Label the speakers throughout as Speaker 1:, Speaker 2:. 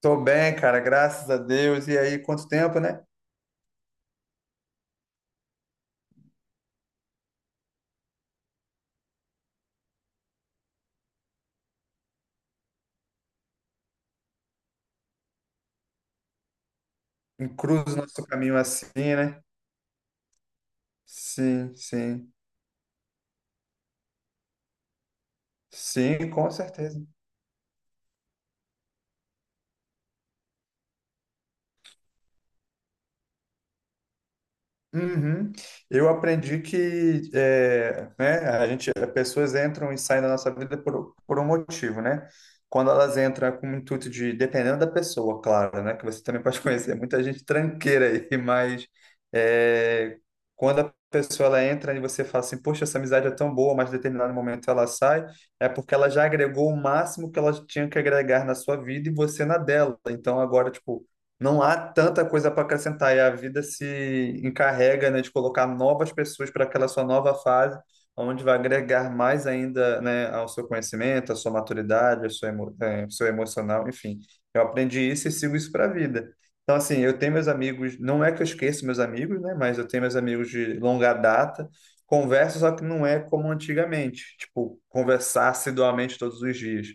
Speaker 1: Tô bem, cara, graças a Deus. E aí, quanto tempo, né? Encruza o nosso caminho assim, né? Sim, sim. Sim, com certeza. Uhum. Eu aprendi que é, né, as pessoas entram e saem da nossa vida por um motivo, né? Quando elas entram com o intuito de, dependendo da pessoa, claro, né? Que você também pode conhecer muita gente tranqueira aí, mas é, quando a pessoa ela entra e você fala assim, poxa, essa amizade é tão boa, mas em determinado momento ela sai, é porque ela já agregou o máximo que ela tinha que agregar na sua vida e você na dela. Então agora, tipo, não há tanta coisa para acrescentar e a vida se encarrega, né, de colocar novas pessoas para aquela sua nova fase, onde vai agregar mais ainda, né, ao seu conhecimento, à sua maturidade, ao seu emocional, enfim. Eu aprendi isso e sigo isso para a vida. Então, assim, eu tenho meus amigos, não é que eu esqueço meus amigos, né, mas eu tenho meus amigos de longa data, converso, só que não é como antigamente, tipo, conversar assiduamente todos os dias,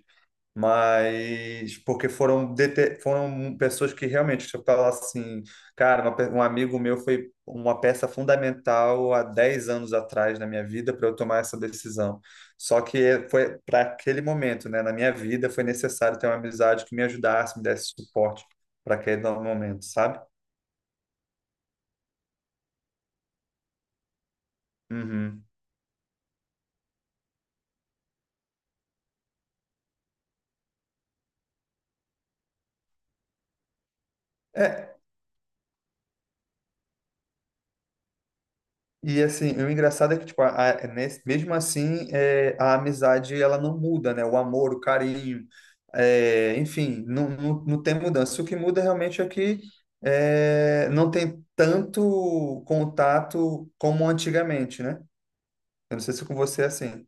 Speaker 1: mas porque foram pessoas que realmente, se eu falar assim, cara, um amigo meu foi uma peça fundamental há 10 anos atrás na minha vida para eu tomar essa decisão. Só que foi para aquele momento, né, na minha vida, foi necessário ter uma amizade que me ajudasse, me desse suporte para aquele momento, sabe? Uhum. É. E assim, o engraçado é que, tipo, mesmo assim, é, a amizade ela não muda, né? O amor, o carinho, é, enfim, não, não, não tem mudança. O que muda realmente é que é, não tem tanto contato como antigamente, né? Eu não sei se com você é assim.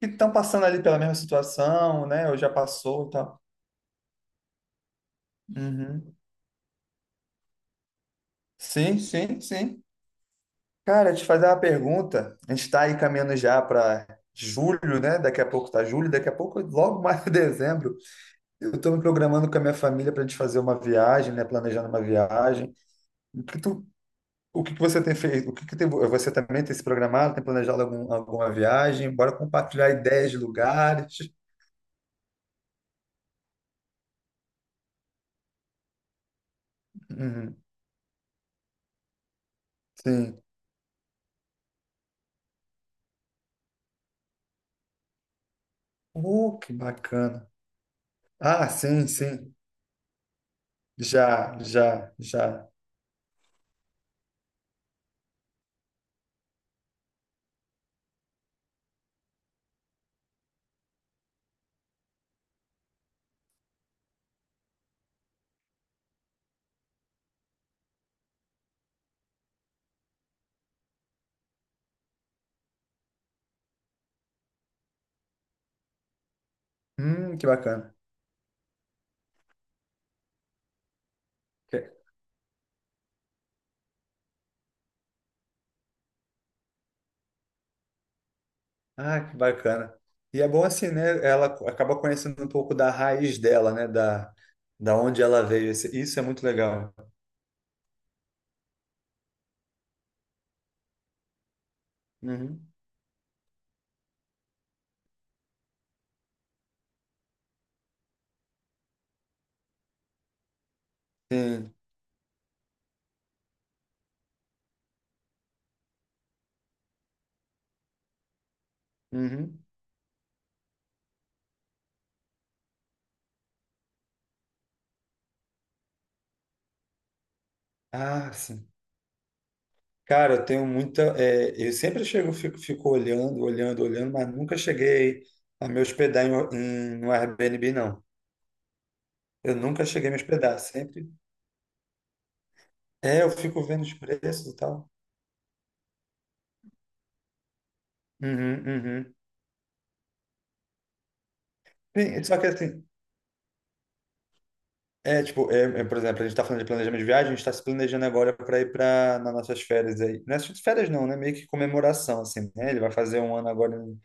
Speaker 1: Que estão passando ali pela mesma situação, né? Ou já passou e tal. Uhum. Sim, sim, sim. Cara, te fazer uma pergunta. A gente está aí caminhando já para julho, né? Daqui a pouco tá julho, daqui a pouco, logo mais, dezembro, eu estou me programando com a minha família para a gente fazer uma viagem, né? Planejando uma viagem. O que tu, o que que você tem feito? O que que tem- Você também tem se programado? Tem planejado alguma viagem? Bora compartilhar ideias de lugares. Uhum, sim. Que bacana. Ah, sim, sim. Já, já, já. Que bacana. Ah, que bacana. E é bom assim, né? Ela acaba conhecendo um pouco da raiz dela, né? Da onde ela veio. Isso é muito legal. Uhum. Sim. Uhum. Ah, sim. Cara, eu tenho muita. Eu sempre chego, fico olhando, olhando, olhando, mas nunca cheguei a me hospedar no Airbnb, não. Eu nunca cheguei a me hospedar. Sempre. É, eu fico vendo os preços e tal. Uhum, uhum. Sim, só que assim, é, tipo, por exemplo, a gente tá falando de planejamento de viagem, a gente tá se planejando agora para ir para nas nossas férias aí. Não é só férias não, né? Meio que comemoração, assim, né? Ele vai fazer 1 ano agora em,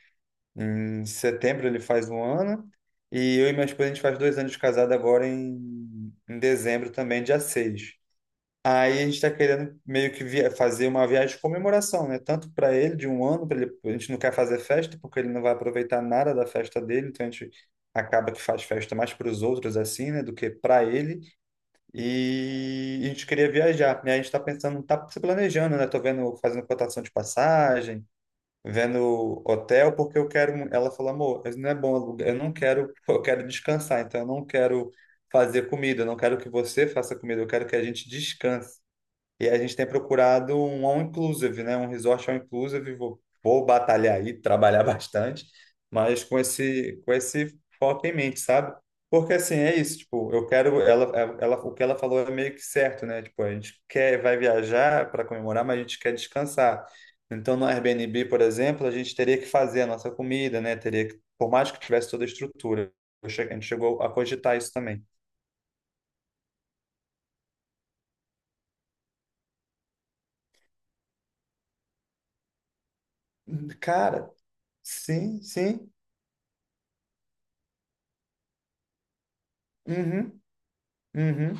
Speaker 1: em setembro, ele faz 1 ano. E eu e minha esposa, a gente faz 2 anos de casado agora em dezembro também, dia 6. Aí a gente tá querendo meio que fazer uma viagem de comemoração, né? Tanto para ele, de 1 ano, pra ele, a gente não quer fazer festa, porque ele não vai aproveitar nada da festa dele, então a gente acaba que faz festa mais para os outros, assim, né? Do que para ele. E a gente queria viajar, né? A gente está pensando, tá se planejando, né? Tô vendo, fazendo cotação de passagem, vendo hotel, porque eu quero. Ela falou, amor, isso não é bom alugar. Eu não quero, eu quero descansar, então eu não quero fazer comida, eu não quero que você faça comida, eu quero que a gente descanse. E a gente tem procurado um all inclusive, né? Um resort all inclusive. Vou batalhar aí, trabalhar bastante, mas com esse foco em mente, sabe? Porque assim, é isso, tipo, eu quero ela, é, ela, o que ela falou é meio que certo, né? Tipo, a gente quer vai viajar para comemorar, mas a gente quer descansar. Então, no Airbnb, por exemplo, a gente teria que fazer a nossa comida, né? Teria que, por mais que tivesse toda a estrutura, a gente chegou a cogitar isso também. Cara, sim, sim. Uhum, uhum.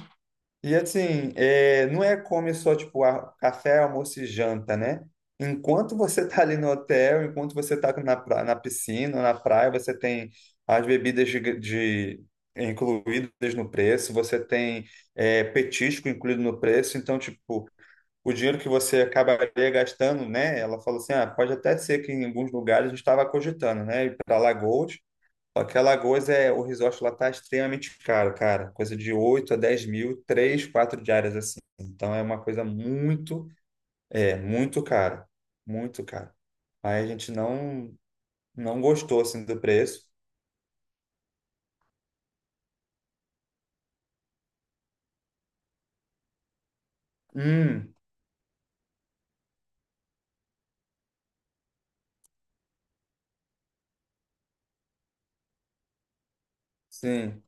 Speaker 1: E assim, é, não é come só tipo café, almoço e janta, né? Enquanto você tá ali no hotel, enquanto você tá na piscina, na praia, você tem as bebidas incluídas no preço, você tem, petisco incluído no preço, então, tipo, o dinheiro que você acabaria gastando, né? Ela falou assim, ah, pode até ser que em alguns lugares a gente estava cogitando, né? Ir para Alagoas, só que Alagoas o resort lá tá extremamente caro, cara. Coisa de 8 a 10 mil, 3 4 diárias assim. Então é uma coisa muito cara. Muito cara. Aí a gente não gostou, assim, do preço. Hum, sim.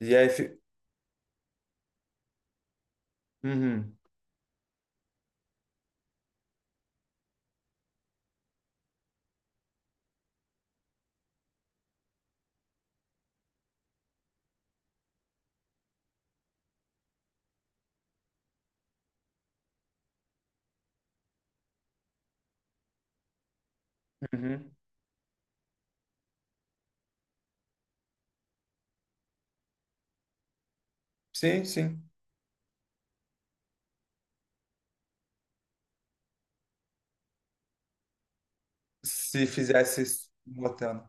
Speaker 1: E aí, uhum, uhum. Sim, sim. Se fizesse um hotel,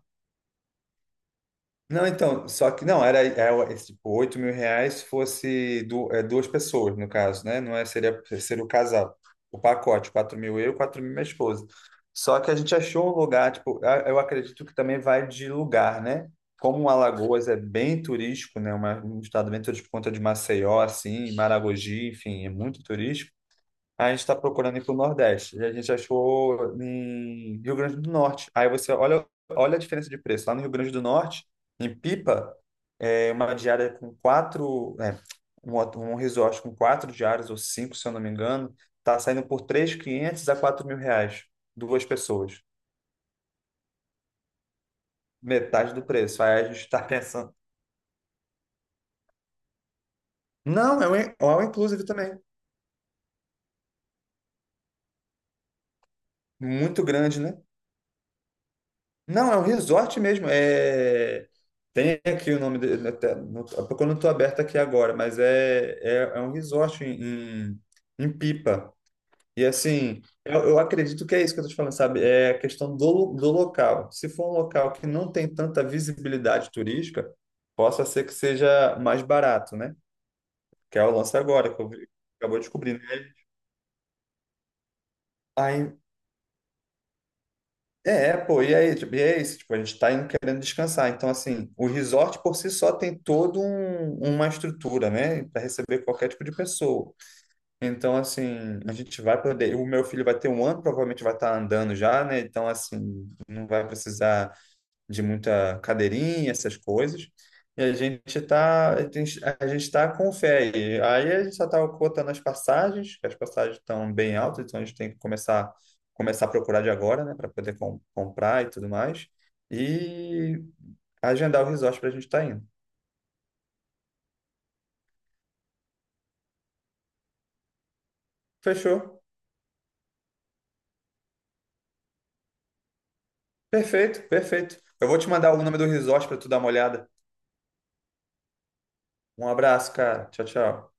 Speaker 1: não, então, só que não, era, tipo, R$ 8.000 fosse duas pessoas, no caso, né? Não é, seria o casal, o pacote, 4 mil eu, 4 mil minha esposa. Só que a gente achou um lugar, tipo, eu acredito que também vai de lugar, né? Como Alagoas é bem turístico, né? Um estado bem turístico por conta de Maceió, assim, Maragogi, enfim, é muito turístico. Aí a gente está procurando ir para o Nordeste. E a gente achou em Rio Grande do Norte. Aí você olha, olha a diferença de preço. Lá no Rio Grande do Norte, em Pipa, é uma diária com quatro. É, um resort com 4 diárias ou cinco, se eu não me engano, tá saindo por 3.500 a 4 mil reais. Duas pessoas. Metade do preço. Aí a gente está pensando. Não, é um all inclusive também. Muito grande, né? Não, é um resort mesmo. É... Tem aqui o nome dele, até, porque eu não estou aberto aqui agora, mas é um resort em Pipa. E assim, eu acredito que é isso que eu estou te falando, sabe? É a questão do local. Se for um local que não tem tanta visibilidade turística, possa ser que seja mais barato, né? Que é o lance agora, que acabou descobrindo. Aí, é, pô, e aí, tipo, e é isso, tipo, a gente tá indo querendo descansar. Então, assim, o resort por si só tem toda uma estrutura, né, para receber qualquer tipo de pessoa. Então, assim, a gente vai poder. O meu filho vai ter 1 ano, provavelmente vai estar andando já, né? Então, assim, não vai precisar de muita cadeirinha, essas coisas. E a gente tá com fé. E aí a gente só tá cotando as passagens, que as passagens estão bem altas, então a gente tem que começar a procurar de agora, né, para poder comprar e tudo mais. E agendar o resort para a gente estar indo. Fechou? Perfeito, perfeito. Eu vou te mandar o nome do resort para tu dar uma olhada. Um abraço, cara. Tchau, tchau.